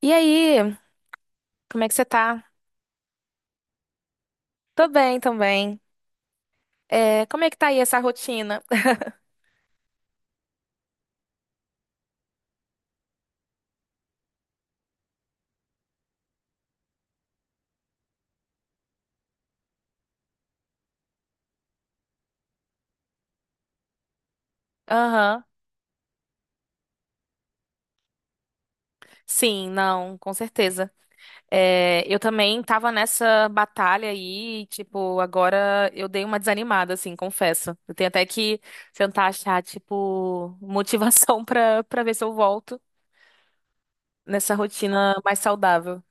E aí, como é que você tá? Tô bem também. Como é que tá aí essa rotina? Aham. Sim, não, com certeza. Eu também tava nessa batalha aí, tipo, agora eu dei uma desanimada, assim, confesso. Eu tenho até que tentar achar, tipo, motivação pra ver se eu volto nessa rotina mais saudável.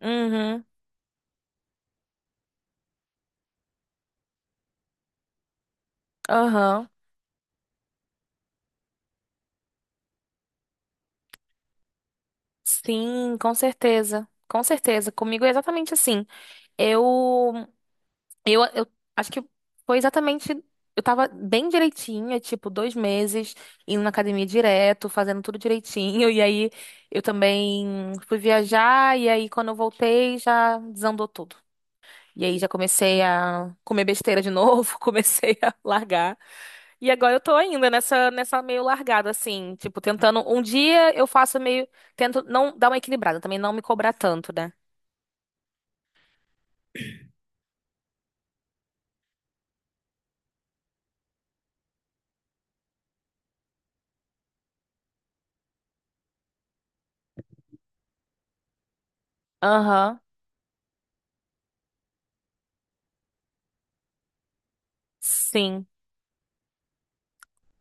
Uhum, aham. Sim, com certeza. Com certeza. Comigo é exatamente assim. Eu eu acho que foi exatamente. Eu tava bem direitinha, tipo, dois meses, indo na academia direto, fazendo tudo direitinho. E aí eu também fui viajar, e aí quando eu voltei já desandou tudo. E aí já comecei a comer besteira de novo, comecei a largar. E agora eu tô ainda nessa meio largada, assim, tipo, tentando. Um dia eu faço meio. Tento não dar uma equilibrada, também não me cobrar tanto, né? Aham, sim.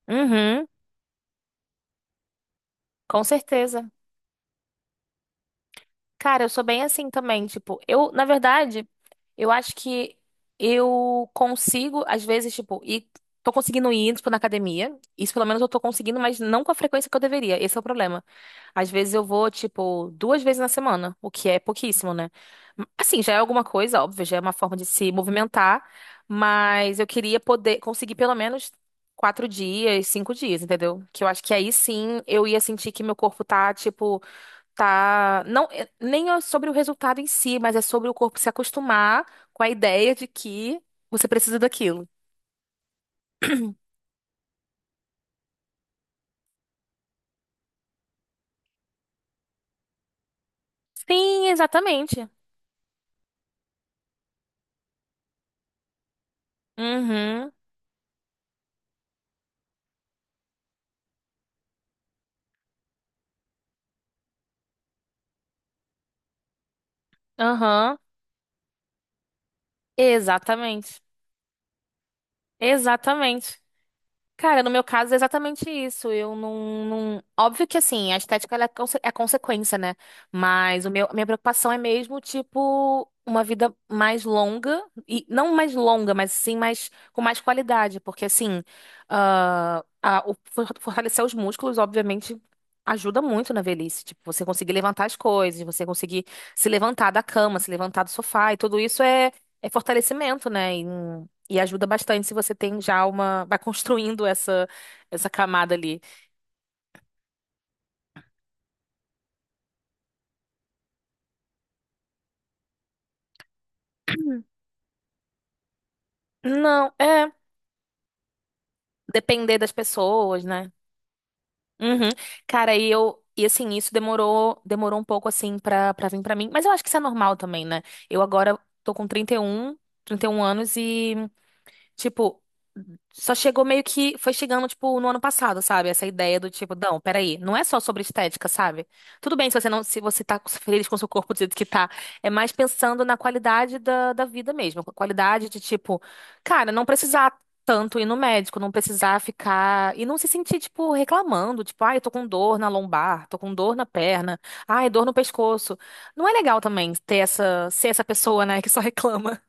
Uhum, com certeza. Cara, eu sou bem assim também, tipo, eu, na verdade, eu acho que eu consigo, às vezes, tipo, e tô conseguindo ir, tipo, na academia. Isso pelo menos eu tô conseguindo, mas não com a frequência que eu deveria. Esse é o problema. Às vezes eu vou, tipo, duas vezes na semana, o que é pouquíssimo, né? Assim, já é alguma coisa, óbvio, já é uma forma de se movimentar, mas eu queria poder conseguir pelo menos quatro dias, cinco dias, entendeu? Que eu acho que aí sim eu ia sentir que meu corpo tá, tipo tá, não, é- nem é sobre o resultado em si, mas é sobre o corpo se acostumar com a ideia de que você precisa daquilo. Sim, exatamente. Uhum, aham, exatamente. Exatamente. Cara, no meu caso é exatamente isso. Eu não, não... Óbvio que assim, a estética ela é, conse- é consequência, né? Mas o meu, a minha preocupação é mesmo, tipo, uma vida mais longa, e não mais longa, mas sim mais com mais qualidade. Porque assim, ah, a- o for- fortalecer os músculos, obviamente, ajuda muito na velhice. Tipo, você conseguir levantar as coisas, você conseguir se levantar da cama, se levantar do sofá, e tudo isso é, é fortalecimento, né? E ajuda bastante se você tem já uma. Vai construindo essa, essa camada ali. Não, é. Depender das pessoas, né? Uhum. Cara, e eu. E assim, isso demorou, demorou um pouco assim pra vir pra mim. Mas eu acho que isso é normal também, né? Eu agora tô com trinta e um trinta e um anos e tipo, só chegou meio que. Foi chegando, tipo, no ano passado, sabe? Essa ideia do tipo, não, peraí, não é só sobre estética, sabe? Tudo bem se você tá feliz com o seu corpo do jeito que tá. É mais pensando na qualidade da vida mesmo. A qualidade de, tipo, cara, não precisar tanto ir no médico, não precisar ficar. E não se sentir, tipo, reclamando, tipo, ai, eu tô com dor na lombar, tô com dor na perna, ai, dor no pescoço. Não é legal também ter essa, ser essa pessoa, né, que só reclama.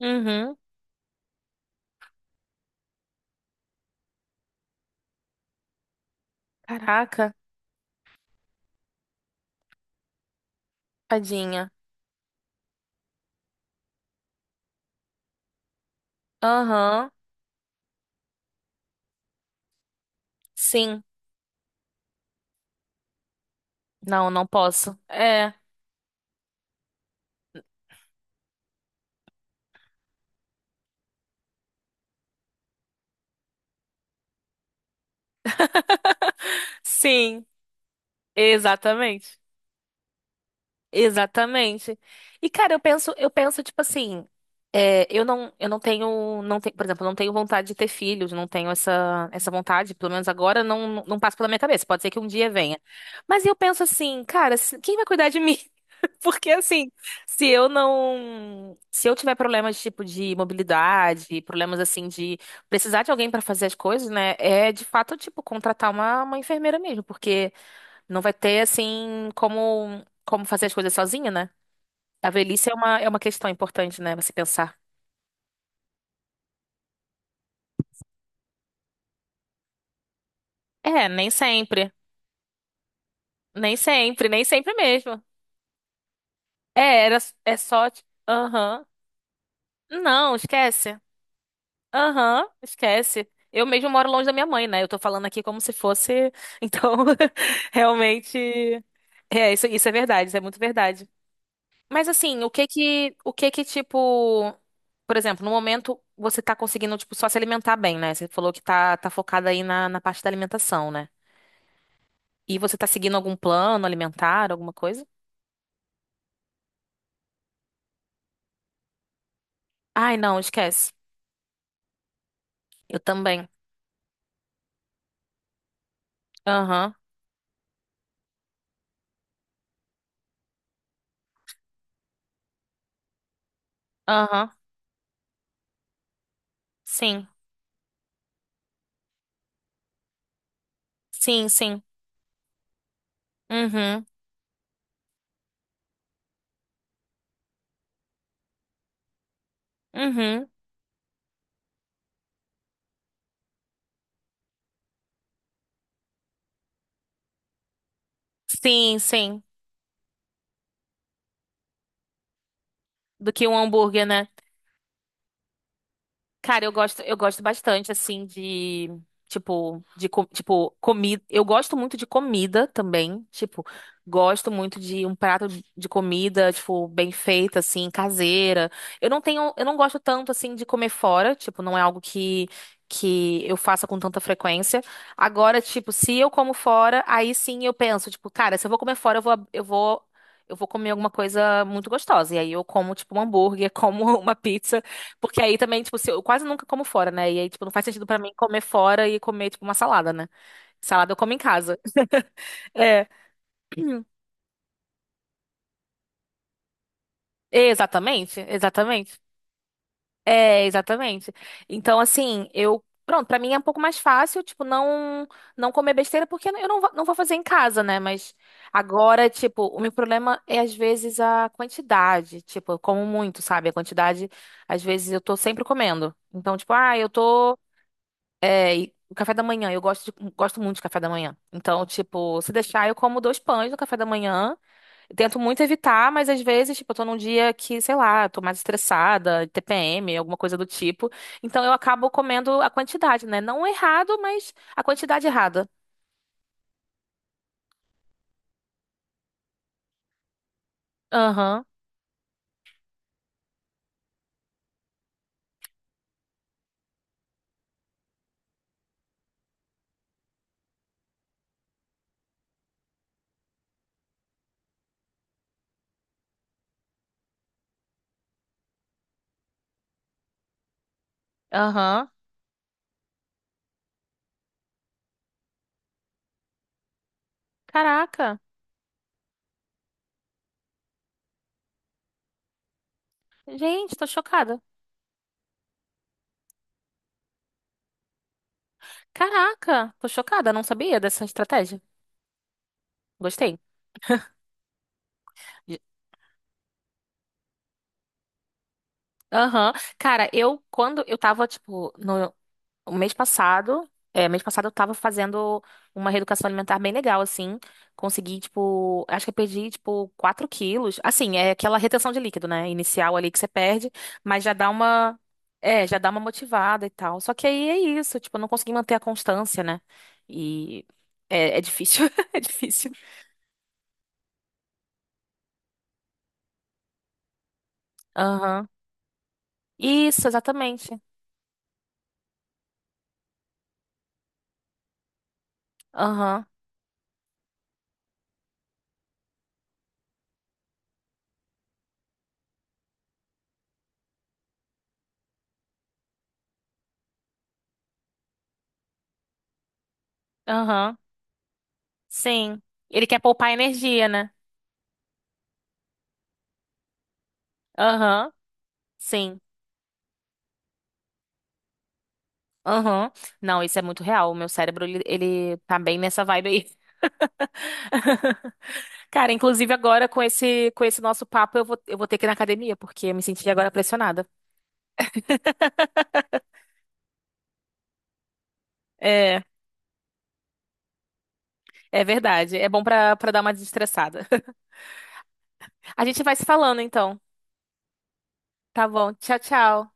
Uhum. Caraca. Tadinha. Aham. Sim. Não, não posso. É. Sim. Exatamente. Exatamente. E, cara, eu penso, tipo assim, é, eu não tenho, não tenho, por exemplo, eu não tenho vontade de ter filhos, não tenho essa, essa vontade, pelo menos agora, não, não passa pela minha cabeça. Pode ser que um dia venha. Mas eu penso assim, cara, se- quem vai cuidar de mim? Porque assim, se eu tiver problemas tipo de mobilidade, problemas assim de precisar de alguém pra fazer as coisas, né? É de fato tipo contratar uma enfermeira mesmo, porque não vai ter, assim, como, como fazer as coisas sozinho, né? A velhice é uma questão importante, né? Você pensar. É, nem sempre. Nem sempre, nem sempre mesmo. É, era, é só. Ti- aham. Não, esquece. Aham, esquece. Eu mesmo moro longe da minha mãe, né? Eu tô falando aqui como se fosse. Então, realmente. É, isso é verdade, isso é muito verdade. Mas assim, o que que tipo, por exemplo, no momento você tá conseguindo tipo só se alimentar bem, né? Você falou que tá focada aí na, na parte da alimentação, né? E você tá seguindo algum plano alimentar, alguma coisa? Ai, não, esquece. Eu também. Aham. Aham. Sim. Sim, sim. Uhum. Uhum. Sim, sim. Do que um hambúrguer, né? Cara, eu gosto bastante, assim, de, tipo, de, co- tipo, comida. Eu gosto muito de comida também, tipo, gosto muito de um prato de comida, tipo, bem feita, assim, caseira. Eu não gosto tanto, assim, de comer fora, tipo, não é algo que eu faça com tanta frequência. Agora, tipo, se eu como fora, aí sim eu penso, tipo, cara, se eu vou comer fora, eu vou comer alguma coisa muito gostosa. E aí eu como, tipo, um hambúrguer, como uma pizza. Porque aí também, tipo, se eu quase nunca como fora, né? E aí, tipo, não faz sentido pra mim comer fora e comer, tipo, uma salada, né? Salada eu como em casa. É. Exatamente, exatamente. É, exatamente. Então, assim, eu. Pronto, pra mim é um pouco mais fácil, tipo, não comer besteira, porque eu não, vou- não vou fazer em casa, né? Mas agora, tipo, o meu problema é, às vezes, a quantidade. Tipo, eu como muito, sabe? A quantidade, às vezes, eu tô sempre comendo. Então, tipo, ah, eu tô. É, e o café da manhã, eu gosto, de- gosto muito de café da manhã. Então, tipo, se deixar, eu como dois pães no café da manhã. Eu tento muito evitar, mas às vezes, tipo, eu tô num dia que, sei lá, tô mais estressada, TPM, alguma coisa do tipo. Então, eu acabo comendo a quantidade, né? Não errado, mas a quantidade errada. Aham, aham. Caraca. Gente, tô chocada. Caraca, tô chocada. Não sabia dessa estratégia. Gostei. Aham. Cara, eu, quando eu tava, tipo, no, o mês passado, é, mês passado eu tava fazendo uma reeducação alimentar bem legal, assim. Consegui, tipo, acho que eu perdi, tipo, 4 quilos. Assim, é aquela retenção de líquido, né? Inicial ali que você perde, mas já dá uma, é, já dá uma motivada e tal. Só que aí é isso, tipo, eu não consegui manter a constância, né? E é, é difícil, é difícil. Aham. Isso, exatamente. Aham, aham, sim. Ele quer poupar energia, né? Aham, sim. Aham. Não, isso é muito real. O meu cérebro, ele tá bem nessa vibe aí. Cara, inclusive agora com com esse nosso papo, eu vou ter que ir na academia, porque eu me senti agora pressionada. É, é verdade. É bom pra, pra dar uma desestressada. A gente vai se falando então. Tá bom. Tchau, tchau.